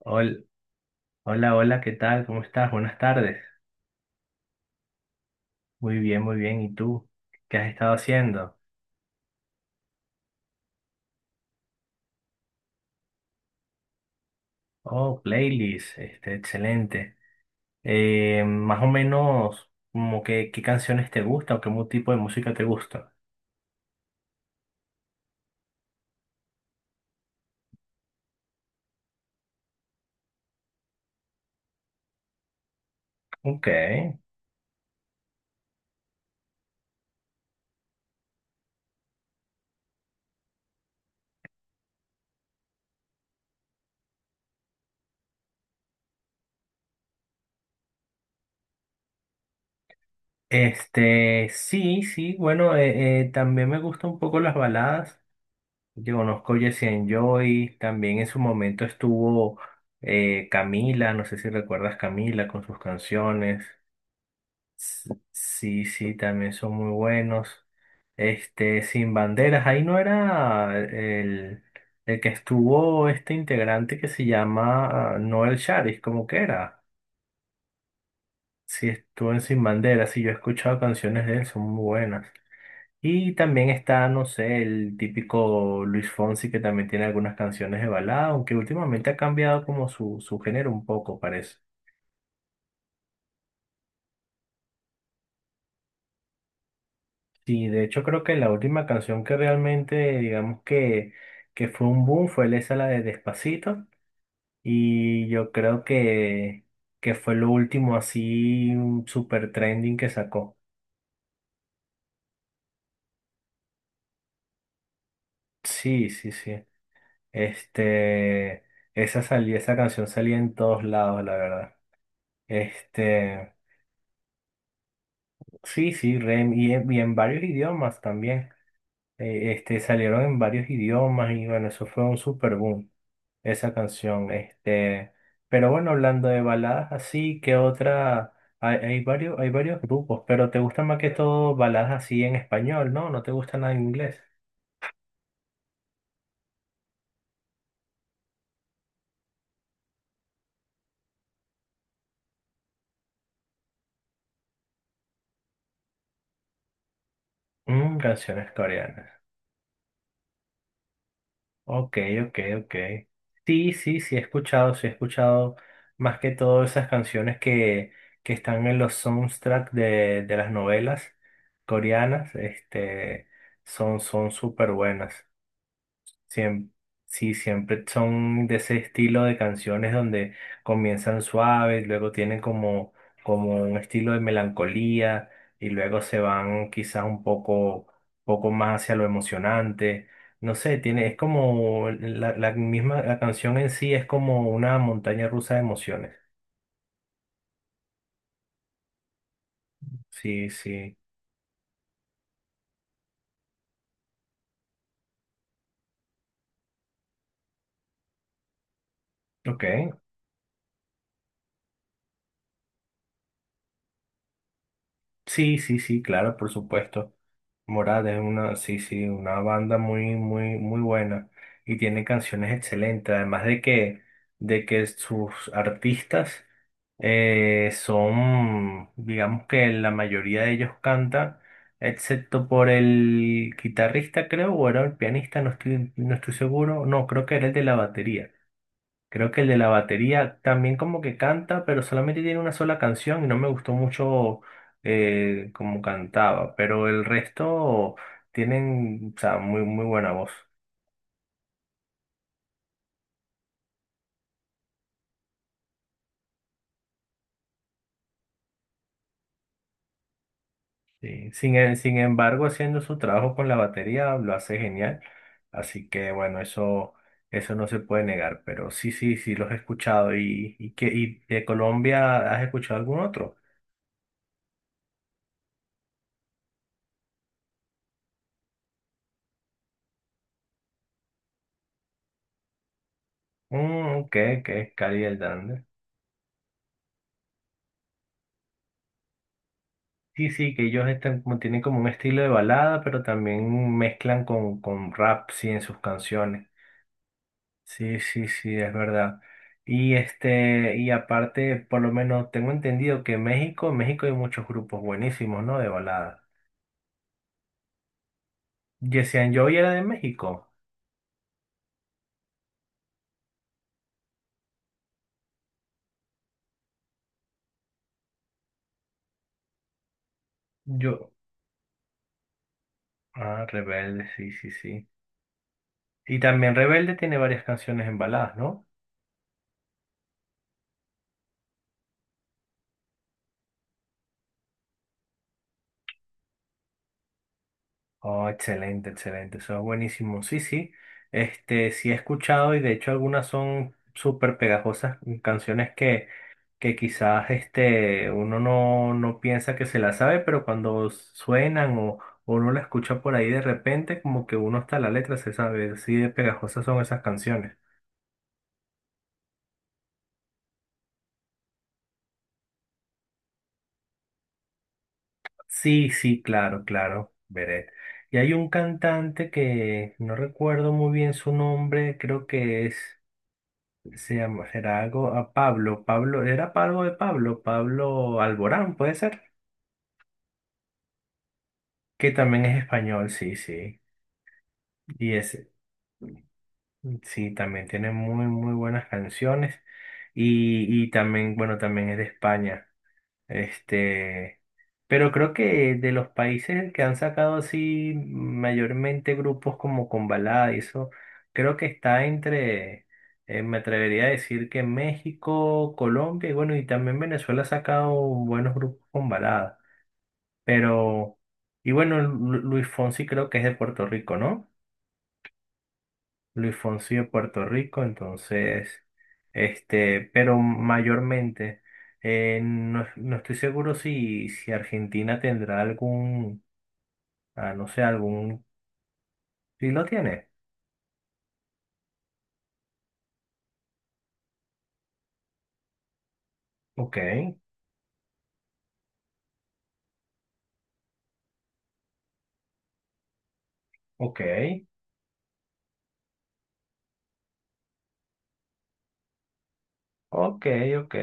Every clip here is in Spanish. Hol- Hola, hola, ¿qué tal? ¿Cómo estás? Buenas tardes. Muy bien, muy bien. ¿Y tú? ¿Qué has estado haciendo? Oh, playlist, este, excelente. Más o menos, como que, ¿qué canciones te gustan o qué tipo de música te gusta? Ok. Este, sí, sí, bueno, también me gustan un poco las baladas. Yo conozco Jesse and Joy, también en su momento estuvo Camila, no sé si recuerdas Camila con sus canciones. Sí, sí, también son muy buenos. Este, Sin Banderas, ahí no era el que estuvo este integrante que se llama ah, Noel Charis, como que era. Sí, estuvo en Sin Banderas, sí, yo he escuchado canciones de él, son muy buenas. Y también está, no sé, el típico Luis Fonsi que también tiene algunas canciones de balada, aunque últimamente ha cambiado como su género un poco, parece. Sí, de hecho creo que la última canción que realmente, digamos que fue un boom fue esa la de Despacito y yo creo que fue lo último así un super trending que sacó. Sí, sí, sí. Este, esa canción salía en todos lados, la verdad. Este, sí, sí, y en varios idiomas también. Este, salieron en varios idiomas y bueno, eso fue un super boom, esa canción. Este, pero bueno, hablando de baladas así, ¿qué otra? Hay varios, hay varios grupos, pero te gustan más que todo baladas así en español, ¿no? ¿No te gusta nada en inglés? Mm, canciones coreanas. Ok, ok. Sí, sí, sí he escuchado más que todo esas canciones que están en los soundtracks de las novelas coreanas, este, son súper buenas. Siem- sí, siempre son de ese estilo de canciones donde comienzan suaves, luego tienen como un estilo de melancolía y luego se van quizás un poco más hacia lo emocionante. No sé, tiene, es como la misma, la canción en sí es como una montaña rusa de emociones. Sí, sí. Ok. Sí, sí, sí, claro, por supuesto. Morat es una, sí, sí, una banda muy, muy, muy buena y tiene canciones excelentes, además de que sus artistas son, digamos que la mayoría de ellos cantan, excepto por el guitarrista, creo, o era el pianista, no estoy seguro, no, creo que era el de la batería. Creo que el de la batería también como que canta, pero solamente tiene una sola canción y no me gustó mucho como cantaba. Pero el resto tienen, o sea, muy, muy buena voz. Sí. Sin embargo, haciendo su trabajo con la batería lo hace genial. Así que bueno, eso no se puede negar. Pero sí, sí, sí los he escuchado. Y de Colombia has escuchado algún otro? Mm, ok, Cali Hernández. Sí, sí, que ellos están, tienen como un estilo de balada, pero también mezclan con rap, sí, en sus canciones. Sí, sí, sí, es verdad. Y aparte, por lo menos tengo entendido que en México hay muchos grupos buenísimos, ¿no? De balada. Jesse Joy era de México. Yo, ah, Rebelde, sí, sí, sí. Y también Rebelde tiene varias canciones en baladas, ¿no? Oh, excelente, excelente, eso es buenísimo. Sí, sí, este, sí he escuchado y de hecho algunas son súper pegajosas, mm, canciones que quizás este, uno no, no piensa que se las sabe, pero cuando suenan o uno la escucha por ahí de repente, como que uno hasta la letra se sabe, así de pegajosas son esas canciones. Sí, sí, claro, claro, Beret. Y hay un cantante que no recuerdo muy bien su nombre, creo que es... Será algo a Pablo. Pablo, era Pablo, Pablo Alborán, puede ser. Que también es español, sí, sí. Y ese sí, también tiene muy, muy buenas canciones. Y también, bueno, también es de España. Este, pero creo que de los países que han sacado así mayormente grupos como con balada y eso, creo que está entre, me atrevería a decir que México, Colombia y bueno, y también Venezuela ha sacado buenos grupos con balada. Pero, y bueno, Luis Fonsi creo que es de Puerto Rico, ¿no? Luis Fonsi de Puerto Rico, entonces, este, pero mayormente, no, no estoy seguro si Argentina tendrá algún, ah, no sé, algún, si lo tiene. Ok, ok, ok, ok.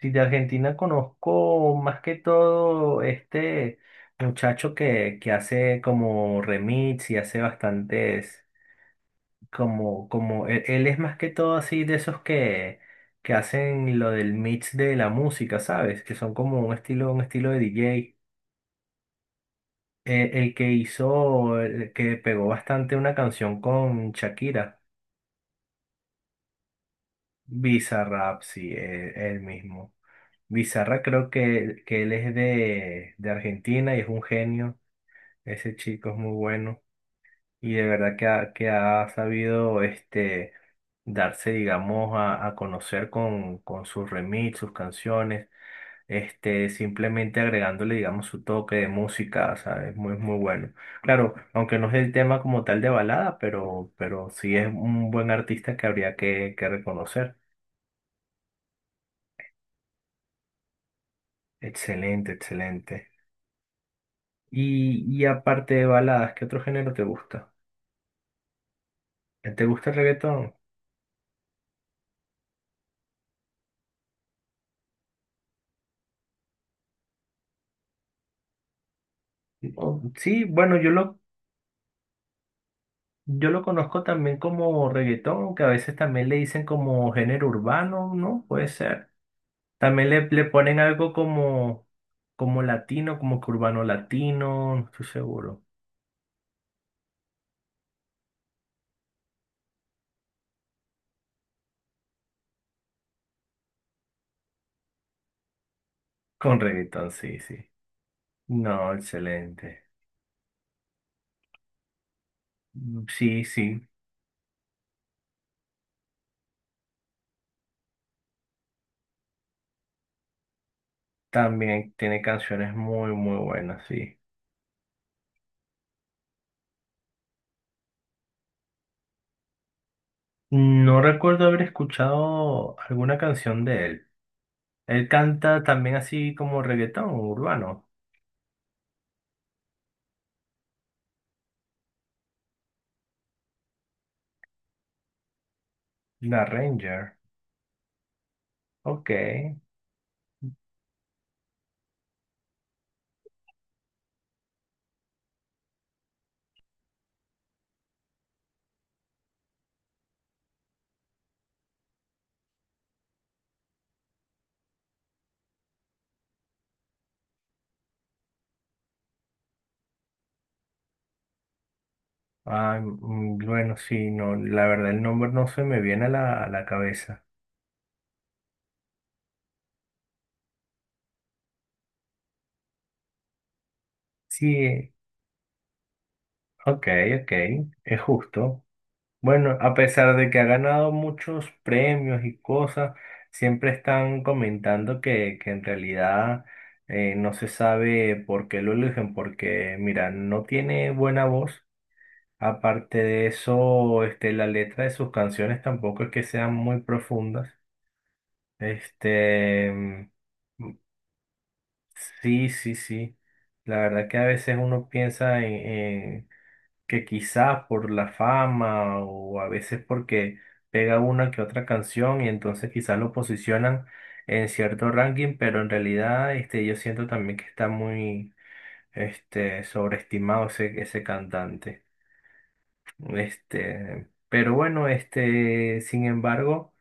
Sí, de Argentina conozco más que todo este muchacho que hace como remix y hace bastantes. Como él es más que todo así de esos que hacen lo del mix de la música, ¿sabes? Que son como un estilo de DJ. El que hizo, el que pegó bastante una canción con Shakira, Bizarrap, sí, él mismo. Bizarra creo que él es de Argentina y es un genio. Ese chico es muy bueno. Y de verdad que que ha sabido este, darse, digamos, a conocer con sus remix, sus canciones, este, simplemente agregándole, digamos, su toque de música, ¿sabes? Muy, muy bueno. Claro, aunque no es el tema como tal de balada, pero sí es un buen artista que habría que reconocer. Excelente, excelente. Y aparte de baladas, ¿qué otro género te gusta? ¿Te gusta el reggaetón? Oh, sí, bueno, yo lo. Yo lo conozco también como reggaetón, que a veces también le dicen como género urbano, ¿no? Puede ser. También le ponen algo como latino, como que urbano latino, no estoy seguro. Con reggaetón, sí, sí. No, excelente. Mm, sí, sí. También tiene canciones muy, muy buenas, sí. No recuerdo haber escuchado alguna canción de él. Él canta también así como reggaetón, urbano. La Ranger. Ok. Ah, mm, bueno, sí, no, la verdad el nombre no se me viene a a la cabeza. Sí, ok, ok, es justo. Bueno, a pesar de que ha ganado muchos premios y cosas, siempre están comentando que en realidad no se sabe por qué lo eligen, porque mira, no tiene buena voz. Aparte de eso, este, la letra de sus canciones tampoco es que sean muy profundas. Este. Sí, sí, sí. La verdad que a veces uno piensa en que quizás por la fama o a veces porque pega una que otra canción y entonces quizás lo posicionan en cierto ranking, pero en realidad este, yo siento también que está muy este, sobreestimado ese cantante. Este, pero bueno, este, sin embargo.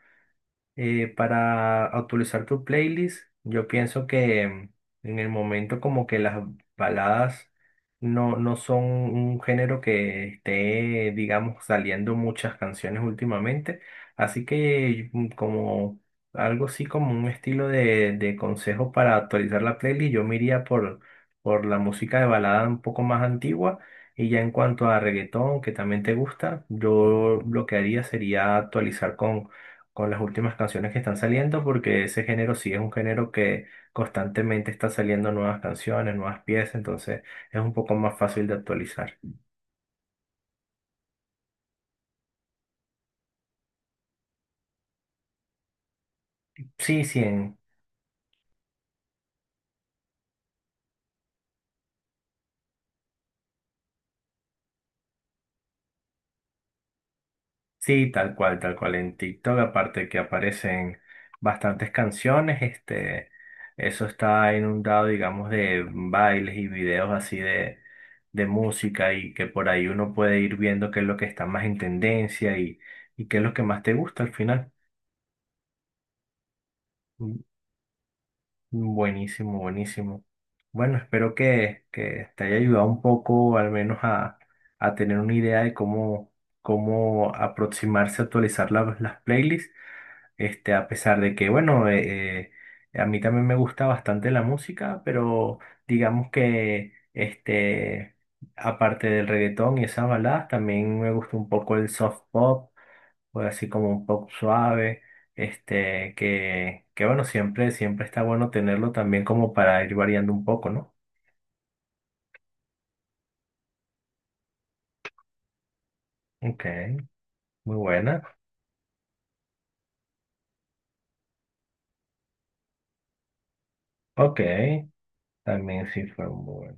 Para actualizar tu playlist, yo pienso que em, en el momento como que las baladas no son un género que esté, digamos, saliendo muchas canciones últimamente. Así que mm, como algo así como un estilo de consejo para actualizar la playlist, yo me iría por la música de balada un poco más antigua. Y ya en cuanto a reggaetón, que también te gusta, yo lo que haría sería actualizar con las últimas canciones que están saliendo, porque ese género sí es un género que constantemente está saliendo nuevas canciones, nuevas piezas, entonces es un poco más fácil de actualizar. Sí, sí, en- sí, tal cual, tal cual. En TikTok, aparte que aparecen bastantes canciones, este, eso está inundado, digamos, de bailes y videos así de música y que por ahí uno puede ir viendo qué es lo que está más en tendencia y qué es lo que más te gusta al final. Buenísimo, buenísimo. Bueno, espero que te haya ayudado un poco, al menos a tener una idea de cómo, cómo aproximarse a actualizar la- las playlists. Este, a pesar de que, bueno, a mí también me gusta bastante la música, pero digamos que, este, aparte del reggaetón y esas baladas, también me gusta un poco el soft pop, pues así como un pop suave, este, que bueno, siempre, siempre está bueno tenerlo también como para ir variando un poco, ¿no? Ok, muy buena. Ok, también sí fue muy buena.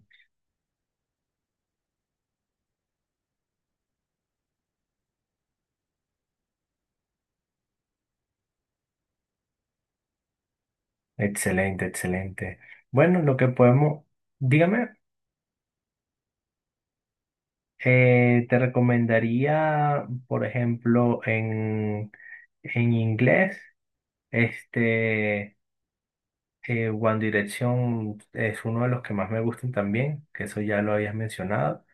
Excelente, excelente. Bueno, lo que podemos, dígame, te recomendaría, por ejemplo, en inglés, este, One Direction es uno de los que más me gustan también, que eso ya lo habías mencionado.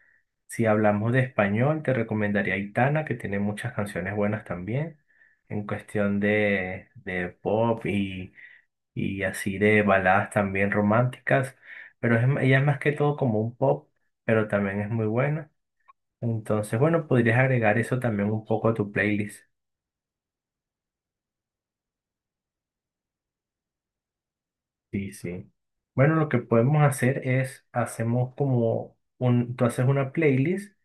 Si hablamos de español, te recomendaría Aitana, que tiene muchas canciones buenas también, en cuestión de pop y así de baladas también románticas, pero ella es más que todo como un pop, pero también es muy buena. Entonces, bueno, podrías agregar eso también un poco a tu playlist. Sí, sí. Bueno, lo que podemos hacer es, hacemos como un, tú haces una playlist,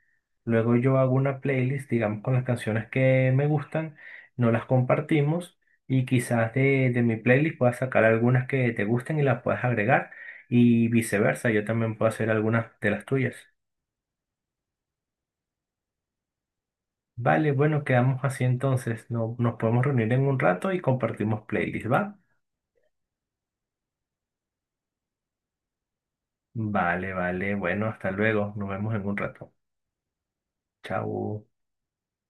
luego yo hago una playlist, digamos, con las canciones que me gustan, no las compartimos y quizás de mi playlist puedas sacar algunas que te gusten y las puedas agregar y viceversa, yo también puedo hacer algunas de las tuyas. Vale, bueno, quedamos así entonces, no, nos podemos reunir en un rato y compartimos playlist, ¿va? Vale, vale, bueno, hasta luego, nos vemos en un rato. Chao.